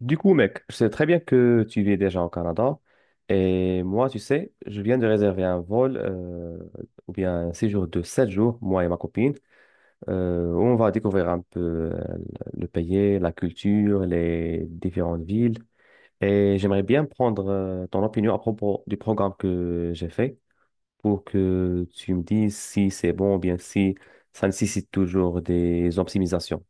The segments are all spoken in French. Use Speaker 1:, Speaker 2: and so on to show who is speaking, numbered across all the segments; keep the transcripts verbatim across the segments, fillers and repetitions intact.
Speaker 1: Du coup, mec, je sais très bien que tu vis déjà au Canada. Et moi, tu sais, je viens de réserver un vol, euh, ou bien un séjour de sept jours, moi et ma copine, euh, où on va découvrir un peu euh, le pays, la culture, les différentes villes. Et j'aimerais bien prendre euh, ton opinion à propos du programme que j'ai fait pour que tu me dises si c'est bon ou bien si ça nécessite toujours des optimisations.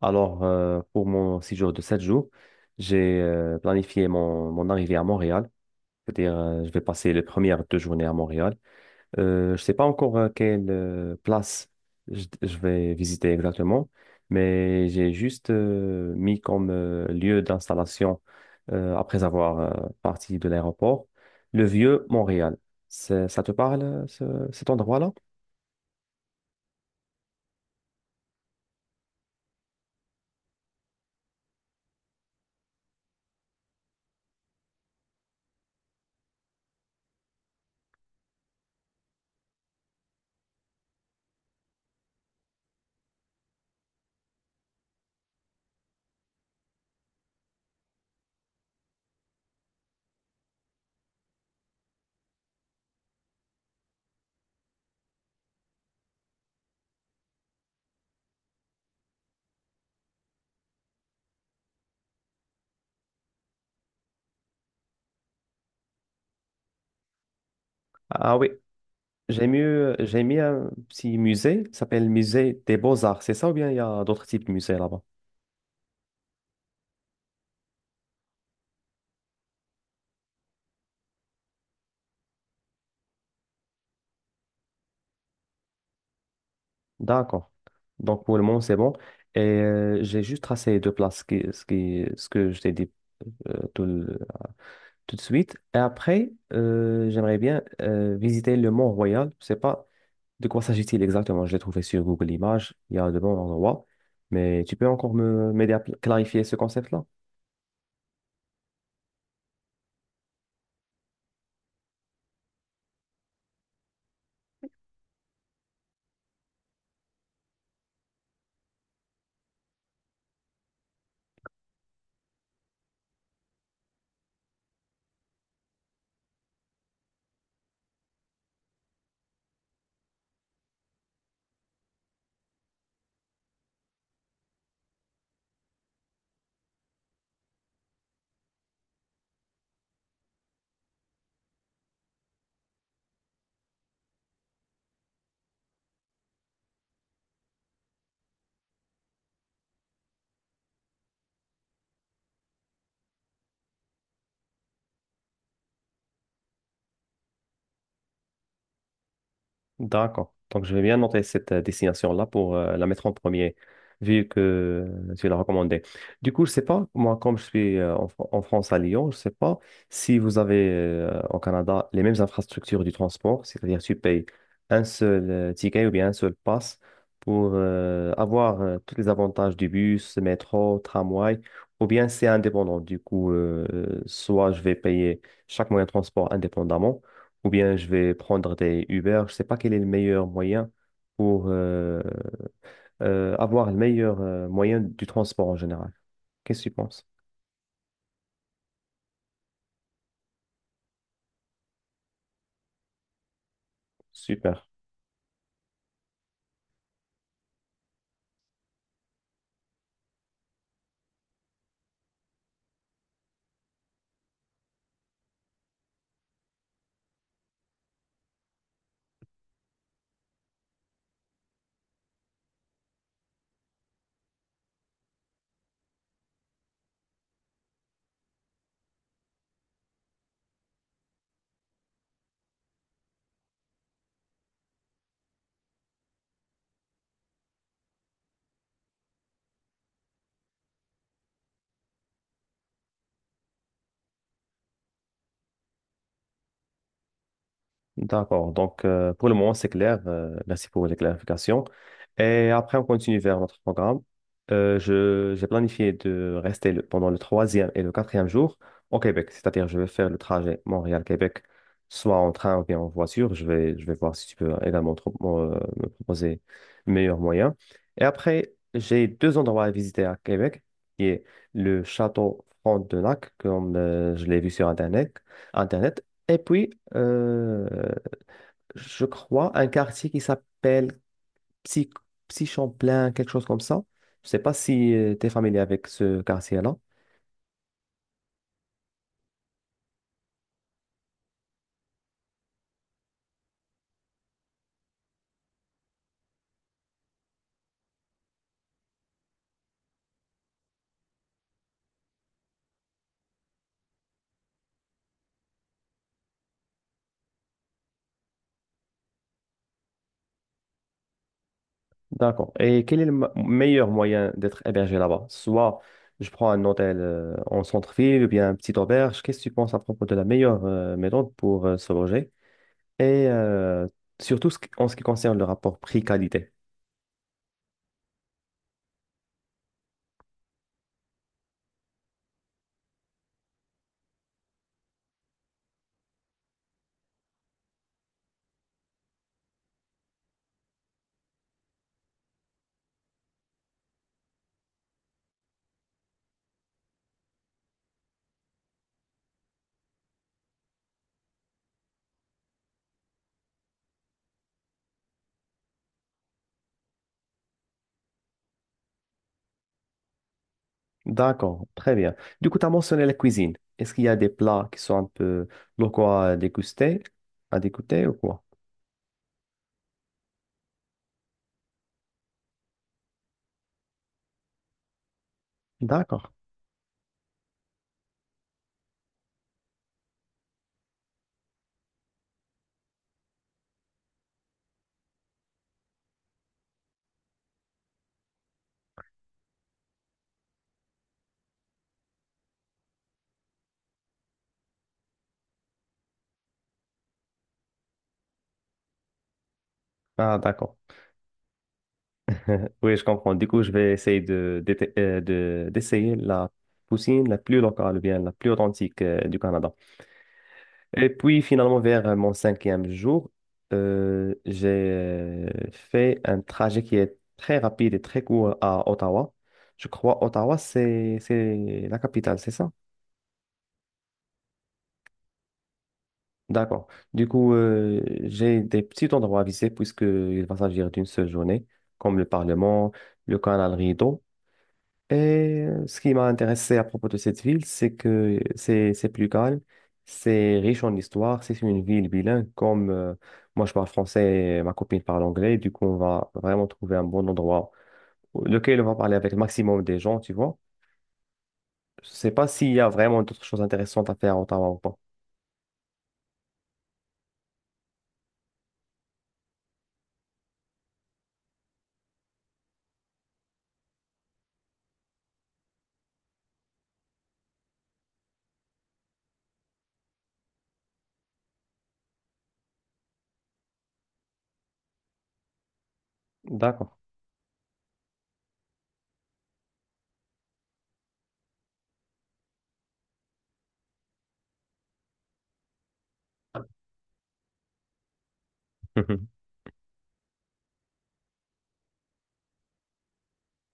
Speaker 1: Alors, euh, pour mon séjour de sept jours, j'ai euh, planifié mon, mon arrivée à Montréal. C'est-à-dire, euh, je vais passer les premières deux journées à Montréal. Euh, je ne sais pas encore euh, quelle euh, place je, je vais visiter exactement, mais j'ai juste euh, mis comme euh, lieu d'installation, euh, après avoir euh, parti de l'aéroport, le vieux Montréal. C'est- Ça te parle, euh, ce- cet endroit-là? Ah oui, j'ai mieux, j'ai mis un petit musée, ça s'appelle Musée des Beaux-Arts, c'est ça ou bien il y a d'autres types de musées là-bas? D'accord. Donc pour le moment, c'est bon. Et euh, j'ai juste tracé les deux places, ce qui, ce qui- ce que je t'ai dit euh, tout, le- tout de suite. Et après, euh, j'aimerais bien euh, visiter le Mont-Royal. Je sais pas, de quoi s'agit-il exactement? Je l'ai trouvé sur Google Images, il y a de bons endroits, mais tu peux encore me m'aider à pl- clarifier ce concept-là? D'accord. Donc, je vais bien noter cette euh, destination-là pour euh, la mettre en premier, vu que euh, tu l'as recommandé. Du coup, je sais pas, moi, comme je suis euh, en, Fran- en France à Lyon, je sais pas si vous avez euh, au Canada les mêmes infrastructures du transport, c'est-à-dire tu payes un seul euh, ticket ou bien un seul pass pour euh, avoir euh, tous les avantages du bus, métro, tramway, ou bien c'est indépendant. Du coup, euh, soit je vais payer chaque moyen de transport indépendamment ou bien je vais prendre des Uber. Je sais pas quel est le meilleur moyen pour euh, euh, avoir le meilleur euh, moyen du transport en général. Qu'est-ce que tu penses? Super. D'accord. Donc, euh, pour le moment, c'est clair. Euh, merci pour les clarifications. Et après, on continue vers notre programme. Euh, je, j'ai planifié de rester le- pendant le troisième et le quatrième jour au Québec. C'est-à-dire, je vais faire le trajet Montréal-Québec, soit en train ou bien en voiture. Je vais, je vais voir si tu peux également trop- me euh, me proposer le meilleur moyen. Et après, j'ai deux endroits à visiter à Québec, qui est le château Frontenac, comme euh, je l'ai vu sur Internet. Internet et puis, euh, je crois, un quartier qui s'appelle Psy, Psy-Champlain, quelque chose comme ça. Je sais pas si tu es familier avec ce quartier-là. D'accord. Et quel est le mo- meilleur moyen d'être hébergé là-bas? Soit je prends un hôtel euh, en centre-ville ou bien une petite auberge. Qu'est-ce que tu penses à propos de la meilleure euh, méthode pour euh, se loger? et euh, surtout ce qui- en ce qui concerne le rapport prix-qualité. D'accord, très bien. Du coup, tu as mentionné la cuisine. Est-ce qu'il y a des plats qui sont un peu locaux à déguster, à dégoûter ou quoi? D'accord. Ah, d'accord. Oui, je comprends. Du coup, je vais essayer de, d'éte- euh, de- d'essayer la poutine la plus locale, ou bien la plus authentique euh, du Canada. Et puis, finalement, vers euh, mon cinquième jour, euh, j'ai euh, fait un trajet qui est très rapide et très court à Ottawa. Je crois Ottawa, c'est, c'est la capitale, c'est ça? D'accord. Du coup, euh, j'ai des petits endroits à visiter puisqu'il va s'agir d'une seule journée, comme le Parlement, le canal Rideau. Et euh, ce qui m'a intéressé à propos de cette ville, c'est que c'est c'est plus calme, c'est riche en histoire, c'est une ville bilingue. Comme euh, moi je parle français et ma copine parle anglais, du coup on va vraiment trouver un bon endroit lequel on va parler avec le maximum des gens, tu vois. Je sais pas s'il y a vraiment d'autres choses intéressantes à faire à Ottawa ou pas. D'accord.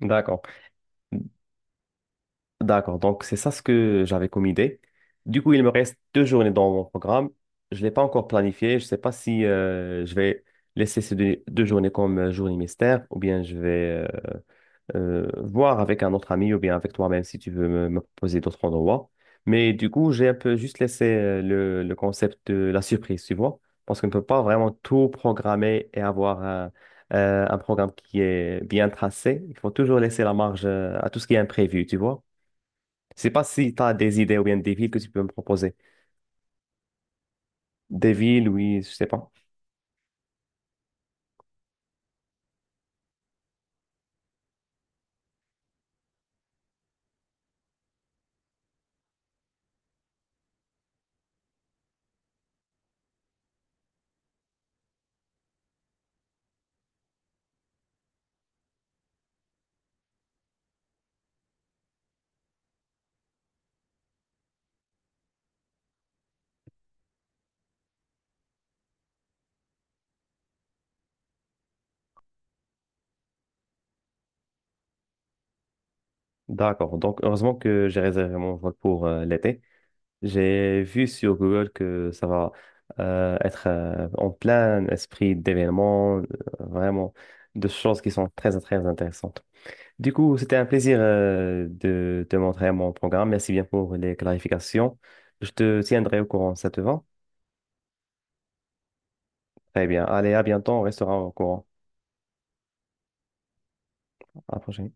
Speaker 1: D'accord. D'accord, donc c'est ça ce que j'avais comme idée. Du coup, il me reste deux journées dans mon programme. Je ne l'ai pas encore planifié. Je ne sais pas si euh, je vais laisser ces deux, deux journées comme euh, journée mystère ou bien je vais euh, euh, voir avec un autre ami ou bien avec toi-même si tu veux me, me proposer d'autres endroits. Mais du coup, j'ai un peu juste laissé euh, le, le concept de la surprise, tu vois, parce qu'on ne peut pas vraiment tout programmer et avoir un, euh, un programme qui est bien tracé. Il faut toujours laisser la marge euh, à tout ce qui est imprévu, tu vois. Je sais pas si tu as des idées ou bien des villes que tu peux me proposer. Des villes, oui, je sais pas. D'accord. Donc, heureusement que j'ai réservé mon vol pour euh, l'été. J'ai vu sur Google que ça va euh, être euh, en plein esprit d'événements, euh, vraiment de choses qui sont très, très intéressantes. Du coup, c'était un plaisir euh, de te montrer mon programme. Merci bien pour les clarifications. Je te tiendrai au courant, ça te va? Très bien. Allez, à bientôt. On restera au courant. À la prochaine.